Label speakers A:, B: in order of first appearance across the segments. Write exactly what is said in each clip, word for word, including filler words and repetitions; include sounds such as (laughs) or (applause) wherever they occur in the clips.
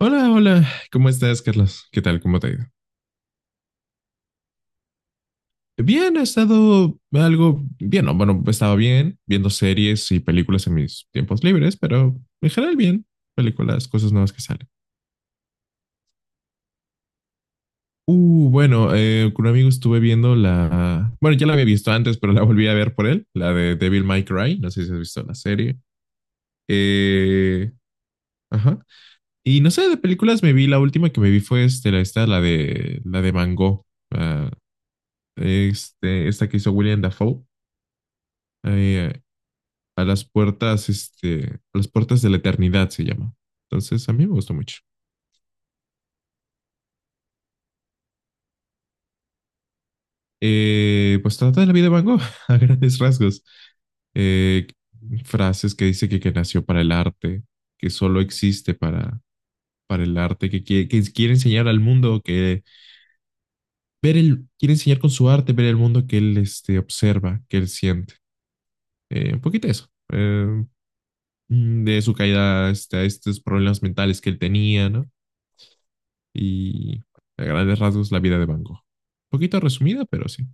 A: Hola, hola, ¿cómo estás, Carlos? ¿Qué tal? ¿Cómo te ha ido? Bien, he estado algo bien, no, bueno, estaba bien viendo series y películas en mis tiempos libres, pero en general bien, películas, cosas nuevas que salen. Uh, bueno, eh, con un amigo estuve viendo la, bueno, ya la había visto antes, pero la volví a ver por él, la de Devil May Cry, no sé si has visto la serie. Eh, ajá. Y no sé, de películas me vi, la última que me vi fue este, la, esta, la de, la de Mango, ah, este, esta que hizo William Dafoe. eh, a las puertas, este, a las puertas de la eternidad se llama. Entonces, a mí me gustó mucho. Eh, pues trata de la vida de Van Gogh (laughs) a grandes rasgos. Eh, Frases que dice que, que nació para el arte, que solo existe para, para el arte, que, quiere- que quiere enseñar al mundo, que ver el, quiere enseñar con su arte, ver el mundo que él este, observa, que él siente. Eh, un poquito eso. Eh, mm, de su caída este, a estos problemas mentales que él tenía, ¿no? Y a grandes rasgos la vida de Van Gogh. Un poquito resumida, pero sí.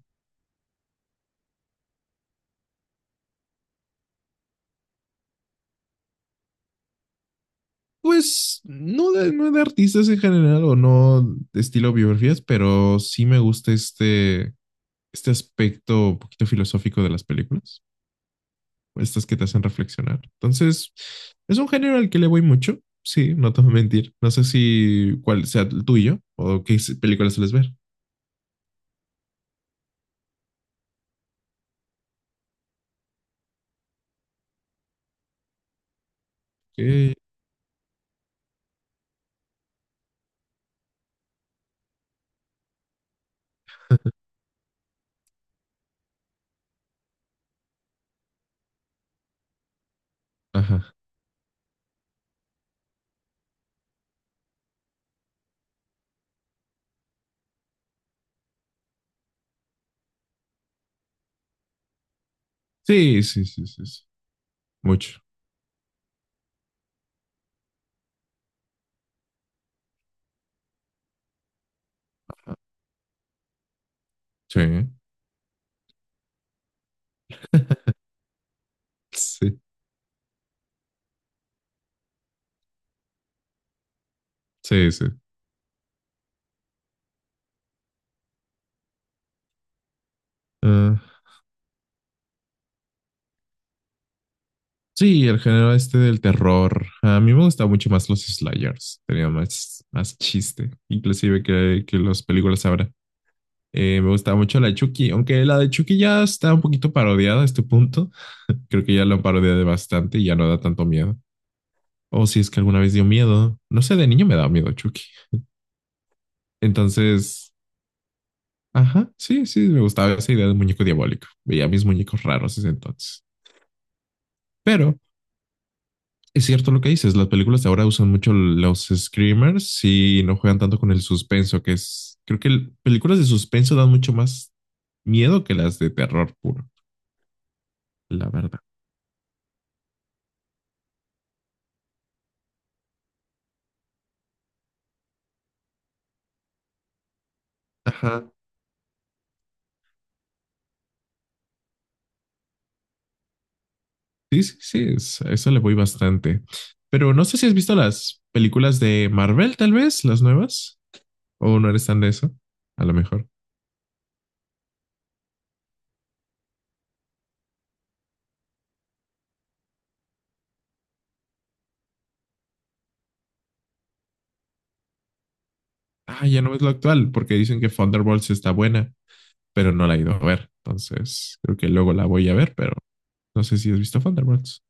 A: Pues no de, no de artistas en general o no de estilo biografías, pero sí me gusta este, este aspecto un poquito filosófico de las películas, estas que te hacen reflexionar. Entonces, es un género al que le voy mucho, sí, no te voy a mentir. No sé si cuál sea el tuyo o qué películas sueles ver. Eh, Ajá. Sí, sí, sí, sí, sí. Mucho. Sí. (laughs) Sí, sí, sí. Ah, sí, el género este del terror. A mí me gustan mucho más los slayers. Tenía más, más chiste, inclusive que, que las películas ahora. Eh, me gustaba mucho la de Chucky, aunque la de Chucky ya está un poquito parodiada a este punto. Creo que ya la han parodiado bastante y ya no da tanto miedo. O si es que alguna vez dio miedo. No sé, de niño me daba miedo Chucky. Entonces, ajá, sí, sí, me gustaba esa idea del muñeco diabólico. Veía mis muñecos raros ese entonces. Pero es cierto lo que dices, las películas de ahora usan mucho los screamers y no juegan tanto con el suspenso, que es, creo que el- películas de suspenso dan mucho más miedo que las de terror puro, la verdad. Ajá. Sí, sí, sí, es- a eso le voy bastante. Pero no sé si has visto las películas de Marvel, tal vez, las nuevas, o no eres tan de eso, a lo mejor. Ah, ya no es lo actual, porque dicen que Thunderbolts está buena, pero no la he ido a ver. Entonces, creo que luego la voy a ver, pero no sé si has visto Thunderbolts.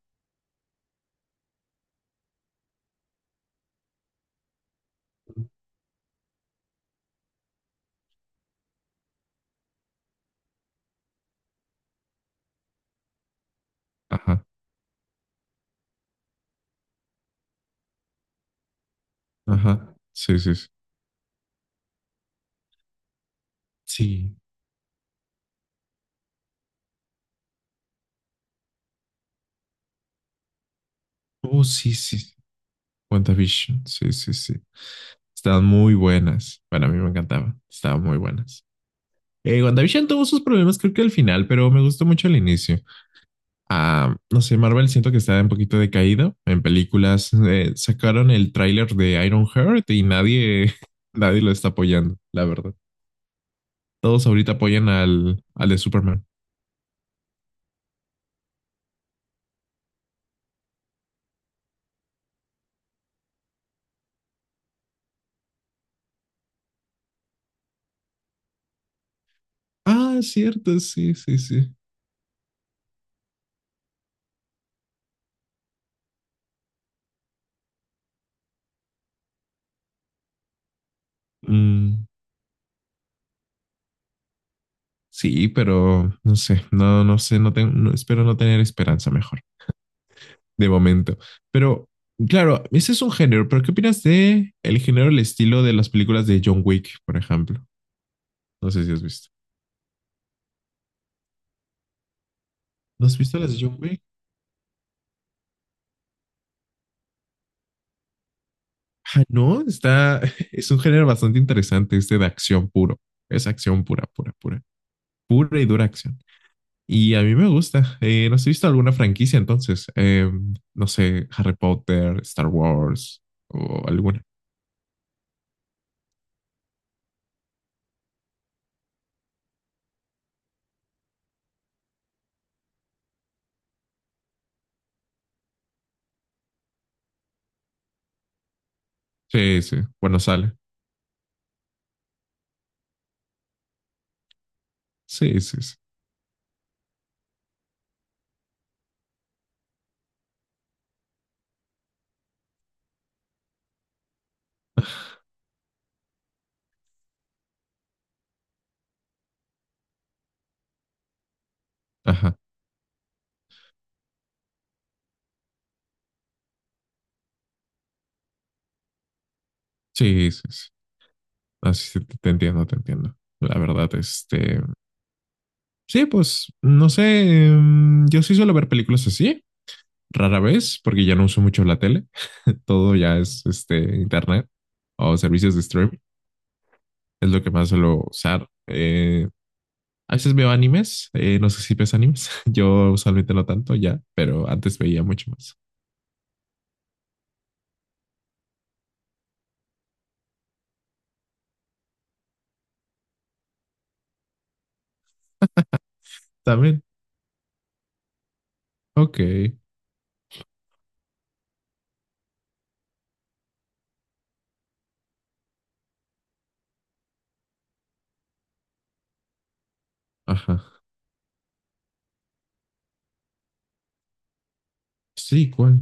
A: Ajá. Ajá, sí, sí, sí. Sí, oh, sí, sí, sí. WandaVision, sí, sí, sí. Estaban muy buenas. Bueno, a mí me encantaba. Estaban muy buenas. Eh, WandaVision tuvo sus problemas, creo que al final, pero me gustó mucho el inicio. Ah, no sé, Marvel siento que está un poquito decaído en películas. Eh, sacaron el tráiler de Iron Heart y nadie, (laughs) nadie lo está apoyando, la verdad. Todos ahorita apoyan al, al de Superman. Ah, es cierto, sí, sí, sí. Mm. Sí, pero no sé, no, no sé, no tengo, no- espero no tener esperanza mejor, de momento. Pero, claro, ese es un género, pero ¿qué opinas de el género, el estilo de las películas de John Wick, por ejemplo? No sé si has visto. ¿No has visto las de John Wick? Ah, no, está, (laughs) es un género bastante interesante, este de acción puro. Es acción pura, pura, pura. Pura y dura acción. Y a mí me gusta. Eh, no sé, ¿has visto alguna franquicia entonces? Eh, no sé, Harry Potter, Star Wars o alguna. Sí, sí, bueno, sale. Sí, sí, sí. Ajá. Sí, sí, sí. Así sí, sí, te, te entiendo, te entiendo. La verdad, este. Sí, pues, no sé. em, Yo sí suelo ver películas así, rara vez, porque ya no uso mucho la tele. (laughs) Todo ya es este internet o servicios de streaming. Es lo que más suelo usar. Eh, a veces veo animes. Eh, no sé si ves animes. (laughs) Yo usualmente no tanto ya, pero antes veía mucho más. También. Ok. Ajá. Sí, ¿cuál?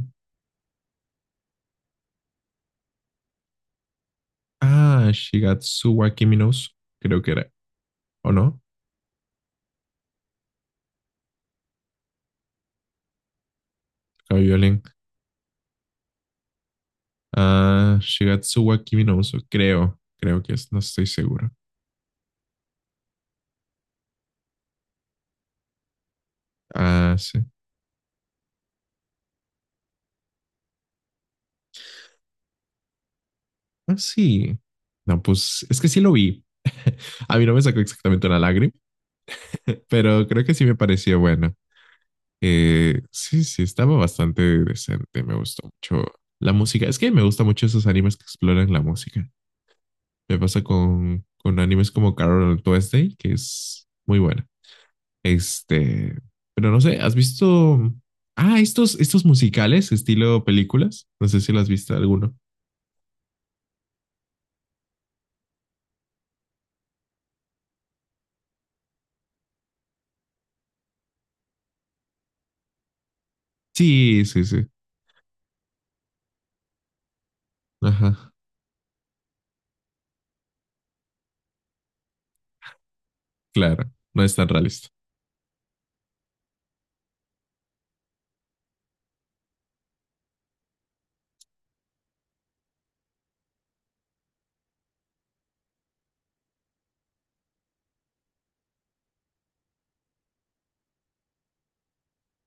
A: Ah, Shigatsu wa Kimi no Uso, creo que era, ¿o no? Tocaba violín. Ah, Shigatsu wa Kimi no Uso, creo, creo que es, no estoy seguro. Ah, sí. Ah, sí. No, pues es que sí lo vi. (laughs) A mí no me sacó exactamente una lágrima, (laughs) pero creo que sí me pareció bueno. Eh, sí, sí, estaba bastante decente, me gustó mucho la música. Es que me gusta mucho esos animes que exploran la música. Me pasa con, con animes como Carol on Tuesday, que es muy buena. Este, pero no sé, ¿has visto? Ah, estos, estos musicales, estilo películas. No sé si lo has visto alguno. Sí, sí, sí. Ajá, claro. No es tan realista.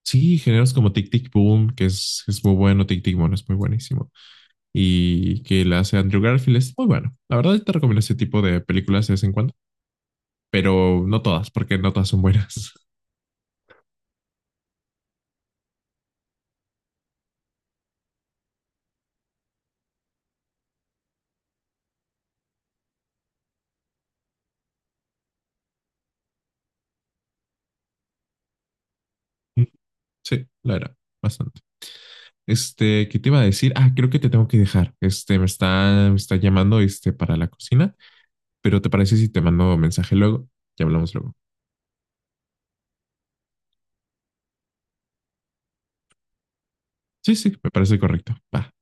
A: Sí, géneros como Tic Tic Boom, que es, es muy bueno, Tic Tic Boom es muy buenísimo. Y que la hace Andrew Garfield es muy bueno. La verdad te recomiendo ese tipo de películas de vez en cuando. Pero no todas, porque no todas son buenas. (laughs) Sí, la era, bastante. Este, ¿qué te iba a decir? Ah, creo que te tengo que dejar. Este, me está, me está llamando, este, para la cocina, pero ¿te parece si te mando mensaje luego? Ya hablamos luego. Sí, sí, me parece correcto. Va.